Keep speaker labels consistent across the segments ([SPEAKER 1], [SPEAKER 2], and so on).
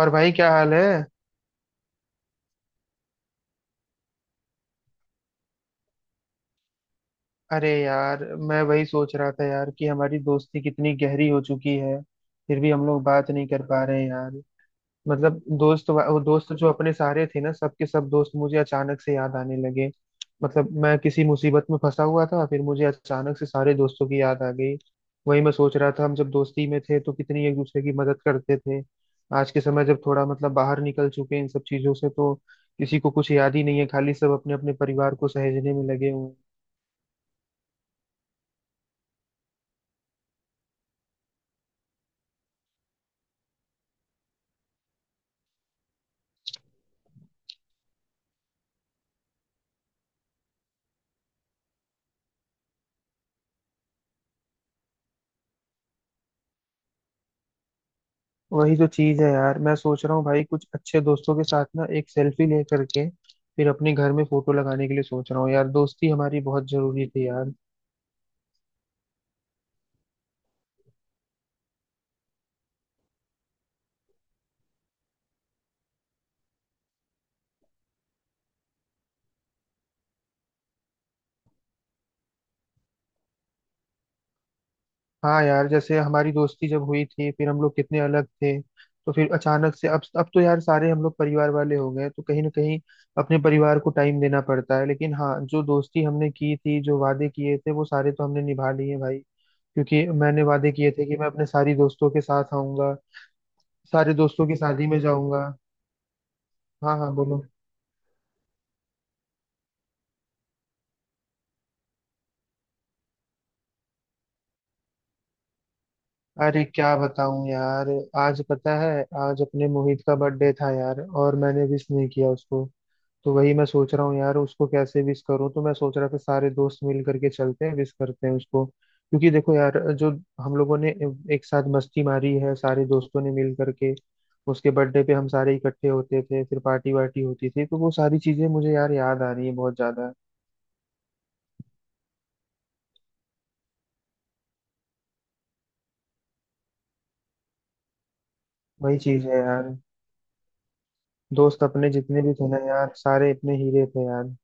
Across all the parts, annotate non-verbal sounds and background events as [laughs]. [SPEAKER 1] और भाई क्या हाल है। अरे यार, मैं वही सोच रहा था यार कि हमारी दोस्ती कितनी गहरी हो चुकी है, फिर भी हम लोग बात नहीं कर पा रहे हैं यार। मतलब दोस्त वो दोस्त जो अपने सारे थे ना, सबके सब दोस्त मुझे अचानक से याद आने लगे। मतलब मैं किसी मुसीबत में फंसा हुआ था, फिर मुझे अचानक से सारे दोस्तों की याद आ गई। वही मैं सोच रहा था, हम जब दोस्ती में थे तो कितनी एक दूसरे की मदद करते थे। आज के समय जब थोड़ा मतलब बाहर निकल चुके हैं इन सब चीजों से, तो किसी को कुछ याद ही नहीं है। खाली सब अपने अपने परिवार को सहेजने में लगे हुए हैं। वही तो चीज है यार, मैं सोच रहा हूँ भाई, कुछ अच्छे दोस्तों के साथ ना एक सेल्फी ले करके फिर अपने घर में फोटो लगाने के लिए सोच रहा हूँ। यार दोस्ती हमारी बहुत जरूरी थी यार। हाँ यार, जैसे हमारी दोस्ती जब हुई थी, फिर हम लोग कितने अलग थे। तो फिर अचानक से अब तो यार सारे हम लोग परिवार वाले हो गए, तो कहीं ना कहीं अपने परिवार को टाइम देना पड़ता है। लेकिन हाँ, जो दोस्ती हमने की थी, जो वादे किए थे, वो सारे तो हमने निभा लिए भाई। क्योंकि मैंने वादे किए थे कि मैं अपने सारी दोस्तों के साथ आऊंगा, सारे दोस्तों की शादी में जाऊंगा। हाँ हाँ बोलो। अरे क्या बताऊं यार, आज पता है, आज अपने मोहित का बर्थडे था यार, और मैंने विश नहीं किया उसको। तो वही मैं सोच रहा हूँ यार, उसको कैसे विश करूँ। तो मैं सोच रहा था सारे दोस्त मिल करके चलते हैं, विश करते हैं उसको। क्योंकि देखो यार, जो हम लोगों ने एक साथ मस्ती मारी है सारे दोस्तों ने मिल करके, उसके बर्थडे पे हम सारे इकट्ठे होते थे, फिर पार्टी वार्टी होती थी, तो वो सारी चीजें मुझे यार याद आ रही है बहुत ज्यादा। वही चीज है यार, दोस्त अपने जितने भी थे ना यार, सारे अपने हीरे थे यार।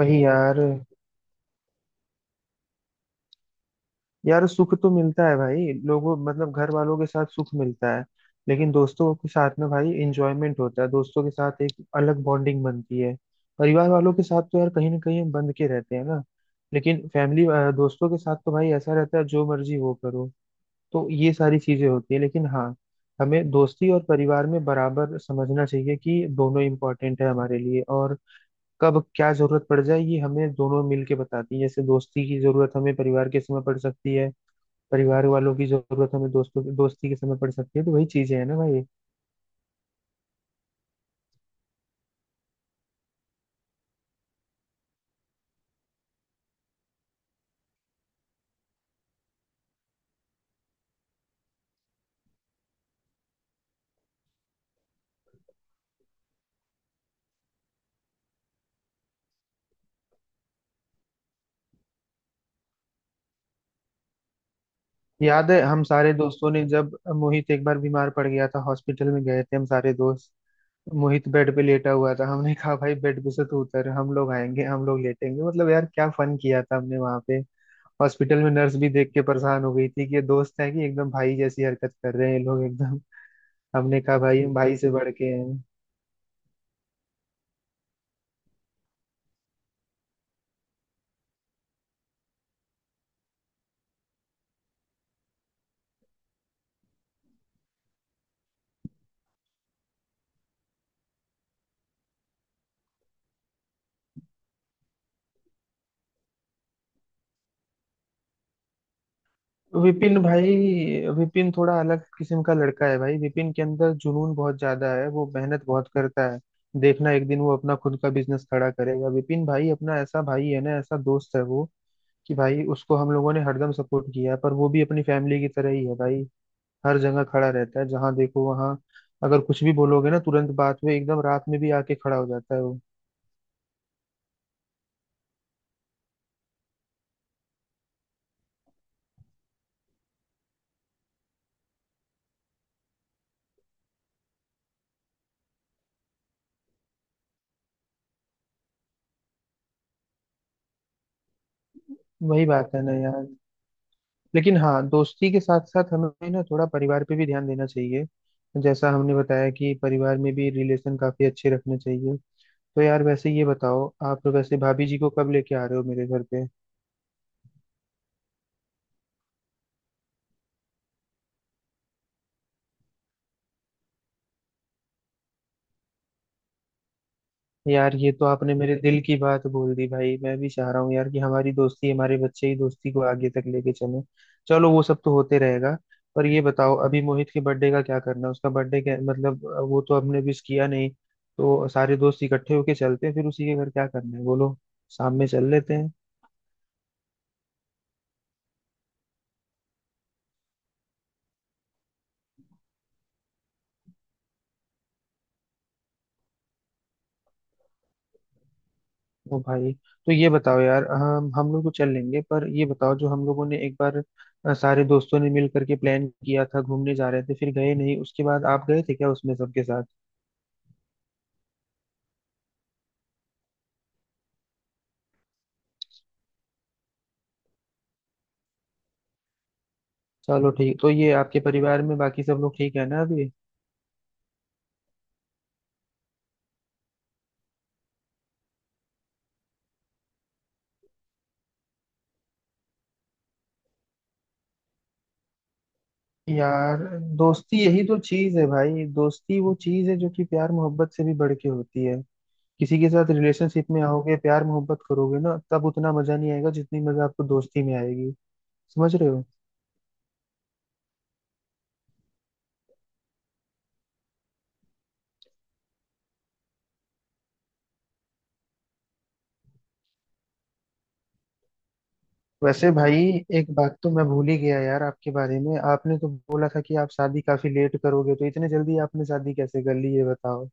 [SPEAKER 1] वही यार। यार सुख तो मिलता है भाई लोगों, मतलब घर वालों के साथ सुख मिलता है, लेकिन दोस्तों के साथ में भाई एंजॉयमेंट होता है। दोस्तों के साथ एक अलग बॉन्डिंग बनती है। परिवार वालों के साथ तो यार कहीं ना कहीं हम बंध के रहते हैं ना, लेकिन फैमिली, दोस्तों के साथ तो भाई ऐसा रहता है, जो मर्जी वो करो। तो ये सारी चीजें होती है। लेकिन हाँ, हमें दोस्ती और परिवार में बराबर समझना चाहिए कि दोनों इम्पोर्टेंट है हमारे लिए, और कब क्या जरूरत पड़ जाए ये हमें दोनों मिल के बताती है। जैसे दोस्ती की जरूरत हमें परिवार के समय पड़ सकती है, परिवार वालों की जरूरत हमें दोस्तों दोस्ती के समय पड़ सकती है। तो वही चीजें हैं ना भाई। याद है हम सारे दोस्तों ने, जब मोहित एक बार बीमार पड़ गया था, हॉस्पिटल में गए थे हम सारे दोस्त। मोहित बेड पे लेटा हुआ था, हमने [laughs] कहा भाई, बेड पे से तू उतर, हम लोग आएंगे, हम लोग लेटेंगे। मतलब यार क्या फन किया था हमने वहां पे। हॉस्पिटल में नर्स भी देख के परेशान हो गई थी कि ये दोस्त है कि एकदम भाई जैसी हरकत कर रहे हैं ये लोग एकदम। हमने कहा भाई, हम भाई से बढ़ के हैं। विपिन भाई, विपिन थोड़ा अलग किस्म का लड़का है भाई। विपिन के अंदर जुनून बहुत ज्यादा है, वो मेहनत बहुत करता है। देखना एक दिन वो अपना खुद का बिजनेस खड़ा करेगा। विपिन भाई अपना ऐसा भाई है ना, ऐसा दोस्त है वो, कि भाई उसको हम लोगों ने हरदम सपोर्ट किया है, पर वो भी अपनी फैमिली की तरह ही है भाई। हर जगह खड़ा रहता है, जहाँ देखो वहाँ। अगर कुछ भी बोलोगे ना, तुरंत बात में एकदम रात में भी आके खड़ा हो जाता है वो। वही बात है ना यार। लेकिन हाँ, दोस्ती के साथ साथ हमें ना थोड़ा परिवार पे भी ध्यान देना चाहिए। जैसा हमने बताया कि परिवार में भी रिलेशन काफी अच्छे रखने चाहिए। तो यार वैसे ये बताओ, आप वैसे भाभी जी को कब लेके आ रहे हो मेरे घर पे। यार ये तो आपने मेरे दिल की बात बोल दी भाई, मैं भी चाह रहा हूँ यार कि हमारी दोस्ती हमारे बच्चे ही दोस्ती को आगे तक लेके चले। चलो वो सब तो होते रहेगा। पर ये बताओ, अभी मोहित के बर्थडे का क्या करना है। उसका बर्थडे क्या मतलब वो तो हमने विश किया नहीं। तो सारे दोस्त इकट्ठे होके चलते हैं फिर उसी के घर, क्या करना है बोलो। शाम में चल लेते हैं। ओ भाई, तो ये बताओ यार, हम लोग तो चल लेंगे, पर ये बताओ, जो हम लोगों ने एक बार सारे दोस्तों ने मिल करके प्लान किया था घूमने जा रहे थे फिर गए नहीं, उसके बाद आप गए थे क्या उसमें सबके साथ। चलो ठीक, तो ये आपके परिवार में बाकी सब लोग ठीक है ना अभी। यार दोस्ती यही तो चीज है भाई। दोस्ती वो चीज है जो कि प्यार मोहब्बत से भी बढ़ के होती है। किसी के साथ रिलेशनशिप में आओगे, प्यार मोहब्बत करोगे ना, तब उतना मजा नहीं आएगा जितनी मजा आपको दोस्ती में आएगी। समझ रहे हो। वैसे भाई, एक बात तो मैं भूल ही गया यार आपके बारे में। आपने तो बोला था कि आप शादी काफी लेट करोगे, तो इतने जल्दी आपने शादी कैसे कर ली ये बताओ।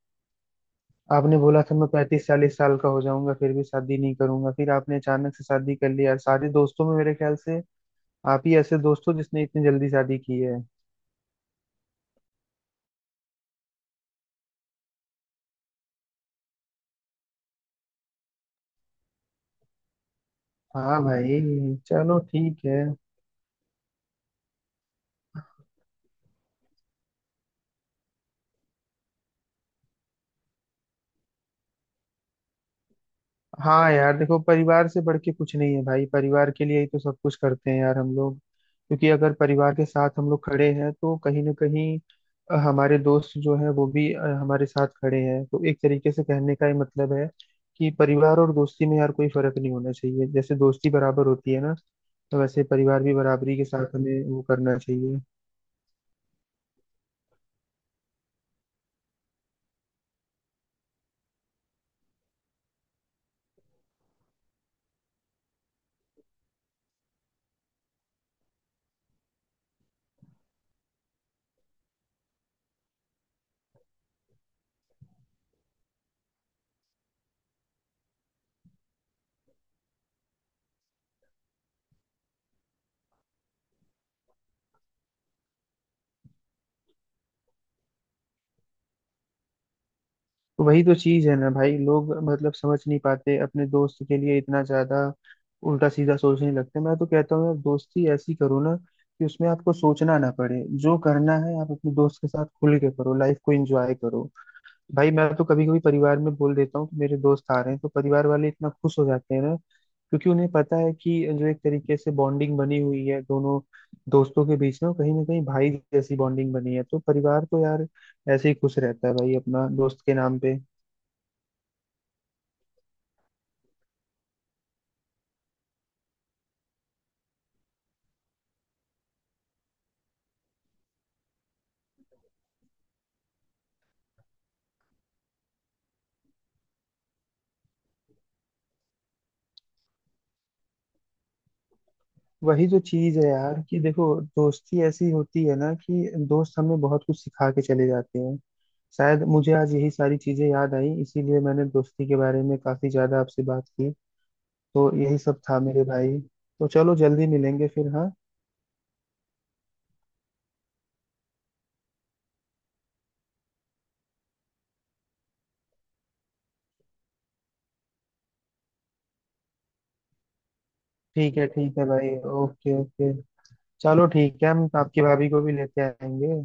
[SPEAKER 1] आपने बोला था मैं 35-40 साल का हो जाऊंगा फिर भी शादी नहीं करूंगा, फिर आपने अचानक से शादी कर ली यार। सारे दोस्तों में मेरे ख्याल से आप ही ऐसे दोस्त हो जिसने इतनी जल्दी शादी की है। हाँ भाई। चलो ठीक है। हाँ यार देखो, परिवार से बढ़ के कुछ नहीं है भाई। परिवार के लिए ही तो सब कुछ करते हैं यार हम लोग, क्योंकि अगर परिवार के साथ हम लोग खड़े हैं तो कहीं ना कहीं हमारे दोस्त जो है वो भी हमारे साथ खड़े हैं। तो एक तरीके से कहने का ही मतलब है कि परिवार और दोस्ती में यार कोई फर्क नहीं होना चाहिए। जैसे दोस्ती बराबर होती है ना, तो वैसे परिवार भी बराबरी के साथ हमें वो करना चाहिए। तो वही तो चीज है ना भाई, लोग मतलब समझ नहीं पाते अपने दोस्त के लिए इतना ज्यादा उल्टा सीधा सोचने लगते। मैं तो कहता हूँ यार दोस्ती ऐसी करो ना कि उसमें आपको सोचना ना पड़े, जो करना है आप अपने दोस्त के साथ खुल के करो, लाइफ को एंजॉय करो। भाई मैं तो कभी कभी परिवार में बोल देता हूँ कि मेरे दोस्त आ रहे हैं, तो परिवार वाले इतना खुश हो जाते हैं ना, क्योंकि उन्हें पता है कि जो एक तरीके से बॉन्डिंग बनी हुई है दोनों दोस्तों के बीच में, वो कहीं ना कहीं भाई जैसी बॉन्डिंग बनी है। तो परिवार तो यार ऐसे ही खुश रहता है भाई अपना दोस्त के नाम पे। वही तो चीज है यार, कि देखो दोस्ती ऐसी होती है ना कि दोस्त हमें बहुत कुछ सिखा के चले जाते हैं। शायद मुझे आज यही सारी चीजें याद आई, इसीलिए मैंने दोस्ती के बारे में काफी ज्यादा आपसे बात की। तो यही सब था मेरे भाई। तो चलो जल्दी मिलेंगे फिर, हाँ। ठीक है भाई। Okay okay. चलो ठीक है, हम आपकी भाभी को भी लेते आएंगे।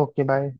[SPEAKER 1] Okay bye.